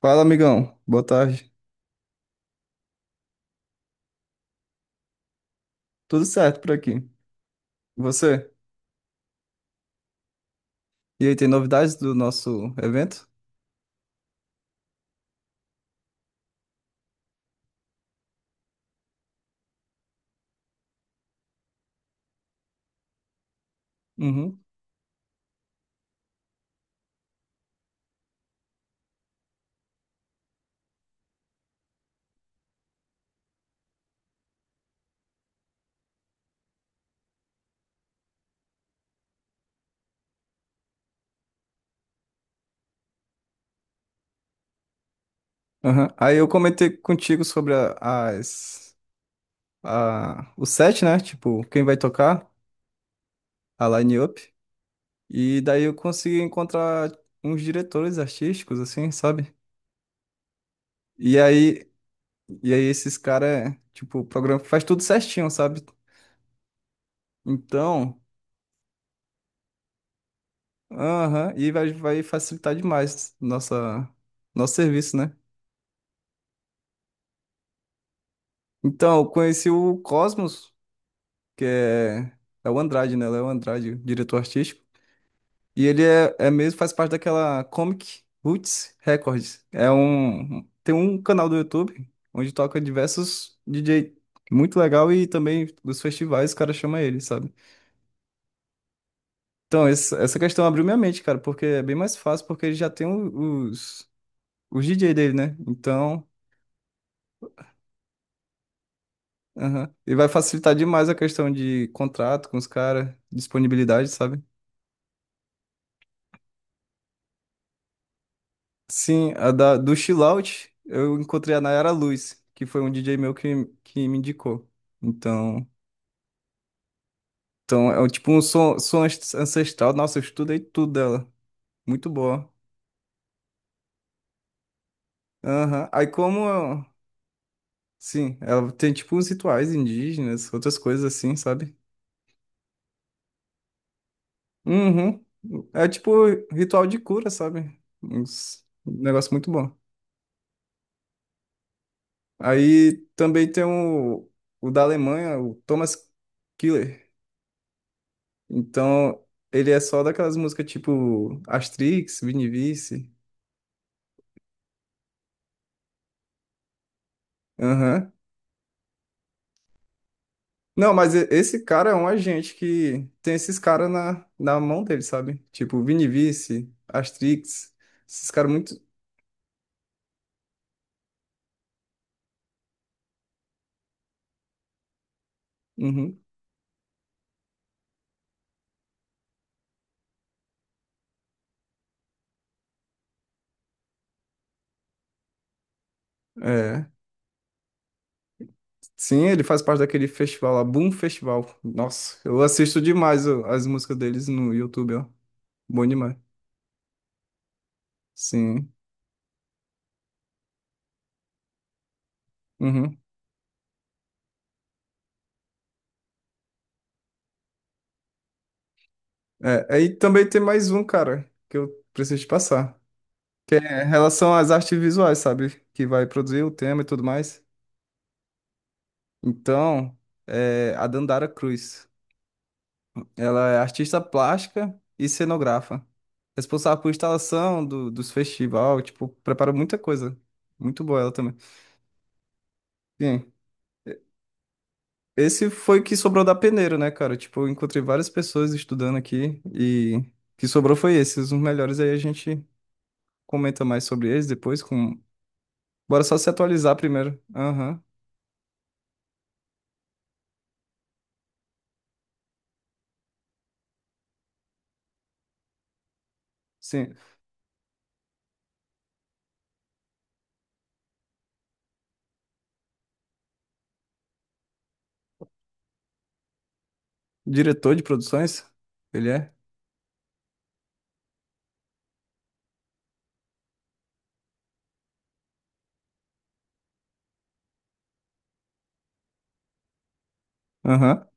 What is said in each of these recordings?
Fala, amigão. Boa tarde. Tudo certo por aqui. E você? E aí, tem novidades do nosso evento? Uhum. Aham. Aí eu comentei contigo sobre o set, né? Tipo, quem vai tocar, a line-up. E daí eu consegui encontrar uns diretores artísticos, assim, sabe? E aí, e aí esses caras, tipo, o programa faz tudo certinho, sabe? Então, aham, e vai facilitar demais nossa, nosso serviço, né? Então, eu conheci o Cosmos, que é, é o Andrade, né? Léo Andrade, o diretor artístico. E é mesmo, faz parte daquela Comic Roots Records. É um, tem um canal do YouTube onde toca diversos DJ muito legal e também dos festivais, o cara chama ele, sabe? Então, essa questão abriu minha mente, cara, porque é bem mais fácil, porque ele já tem os DJ dele, né? Então, aham. E vai facilitar demais a questão de contrato com os caras, disponibilidade, sabe? Sim, a da, do Chill Out, eu encontrei a Nayara Luz, que foi um DJ meu que me indicou. Então, então, é tipo um som, ancestral. Nossa, eu estudei tudo dela. Muito boa. Aham. Sim, ela tem tipo uns rituais indígenas, outras coisas assim, sabe? Uhum. É tipo ritual de cura, sabe? Um negócio muito bom. Aí também tem o da Alemanha, o Thomas Killer. Então, ele é só daquelas músicas tipo Astrix, Vinivice. Aham. Não, mas esse cara é um agente que tem esses caras na, na mão dele, sabe? Tipo Vinivice, Astrix, esses caras muito. Uhum. É. Sim, ele faz parte daquele festival lá, Boom Festival. Nossa, eu assisto demais ó, as músicas deles no YouTube, ó. Bom demais. Sim. Uhum. É, aí também tem mais um, cara, que eu preciso te passar. Que é em relação às artes visuais, sabe? Que vai produzir o tema e tudo mais. Então, é, a Dandara Cruz, ela é artista plástica e cenógrafa, responsável por instalação dos festivais, tipo, prepara muita coisa. Muito boa ela também. Sim. Esse foi o que sobrou da peneira, né, cara? Tipo, eu encontrei várias pessoas estudando aqui e o que sobrou foi esses, os melhores. Aí a gente comenta mais sobre eles depois com... Bora só se atualizar primeiro. Aham. Sim. Diretor de produções? Ele é? Aham.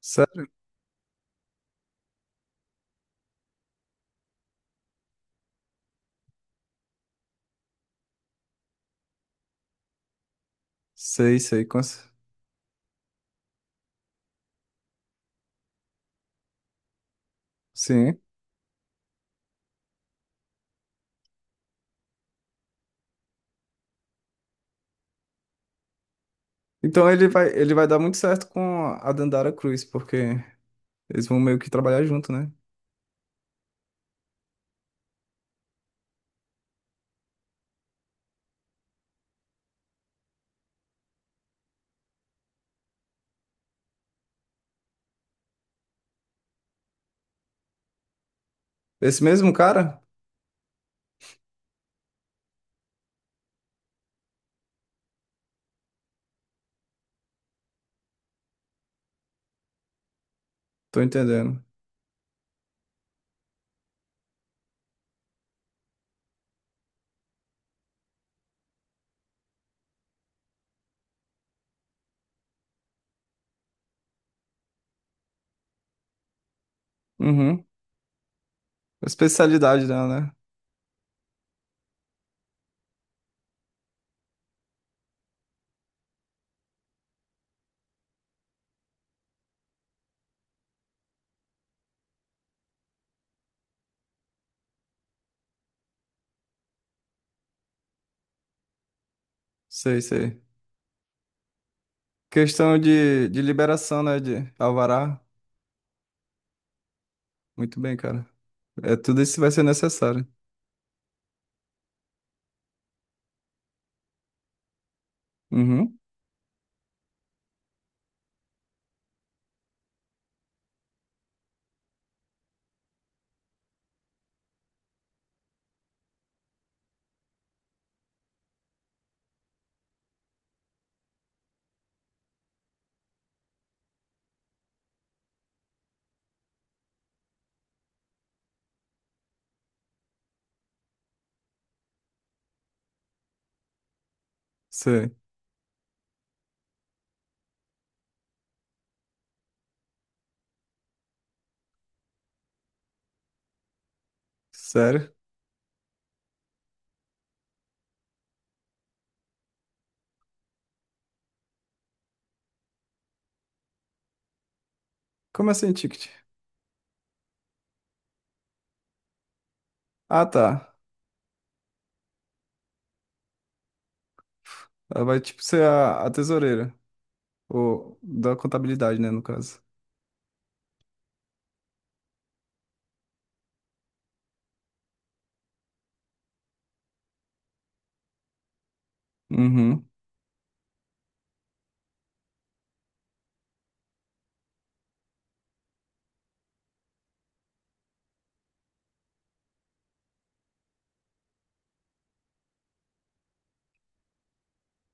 Sério? Sei, sei, com sim. Então ele vai dar muito certo com a Dandara Cruz, porque eles vão meio que trabalhar junto, né? Esse mesmo cara? Tô entendendo. Uhum. A especialidade dela, né? Sei, sei. Questão de liberação, né? De alvará. Muito bem, cara. É, tudo isso vai ser necessário. Uhum. Sei. Sério? Como assim, ticket? Ah, tá. Ela vai, tipo, ser a tesoureira. Ou da contabilidade, né, no caso. Uhum.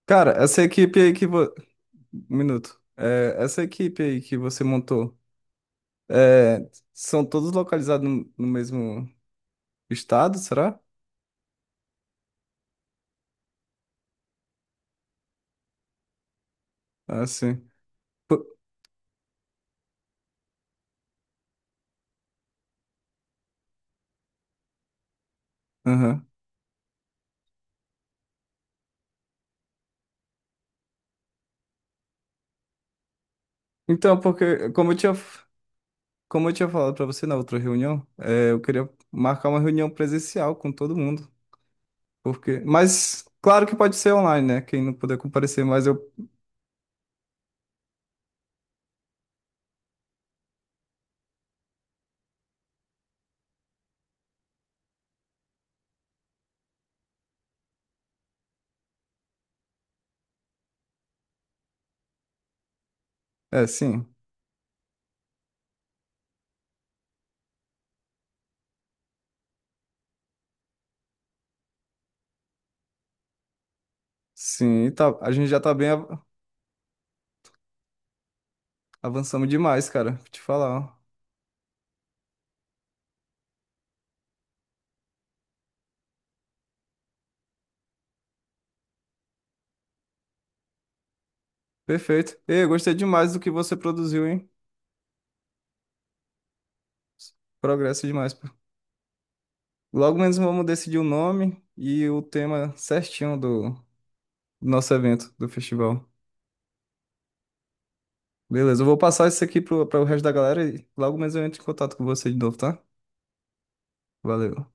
Cara, essa equipe aí que vo... Um minuto. É, essa equipe aí que você montou, é, são todos localizados no mesmo estado, será? Ah, sim. Po- Aham. Então, porque, como eu tinha falado pra você na outra reunião, é, eu queria marcar uma reunião presencial com todo mundo. Porque... Mas, claro que pode ser online, né? Quem não puder comparecer, mas eu... É, sim. Sim, tá, a gente já tá bem. Avançamos demais, cara. Vou te falar, ó. Perfeito. Ei, eu gostei demais do que você produziu, hein? Progresso demais, pô. Logo menos vamos decidir o nome e o tema certinho do nosso evento, do festival. Beleza, eu vou passar isso aqui pro, para o resto da galera e logo menos eu entro em contato com você de novo, tá? Valeu.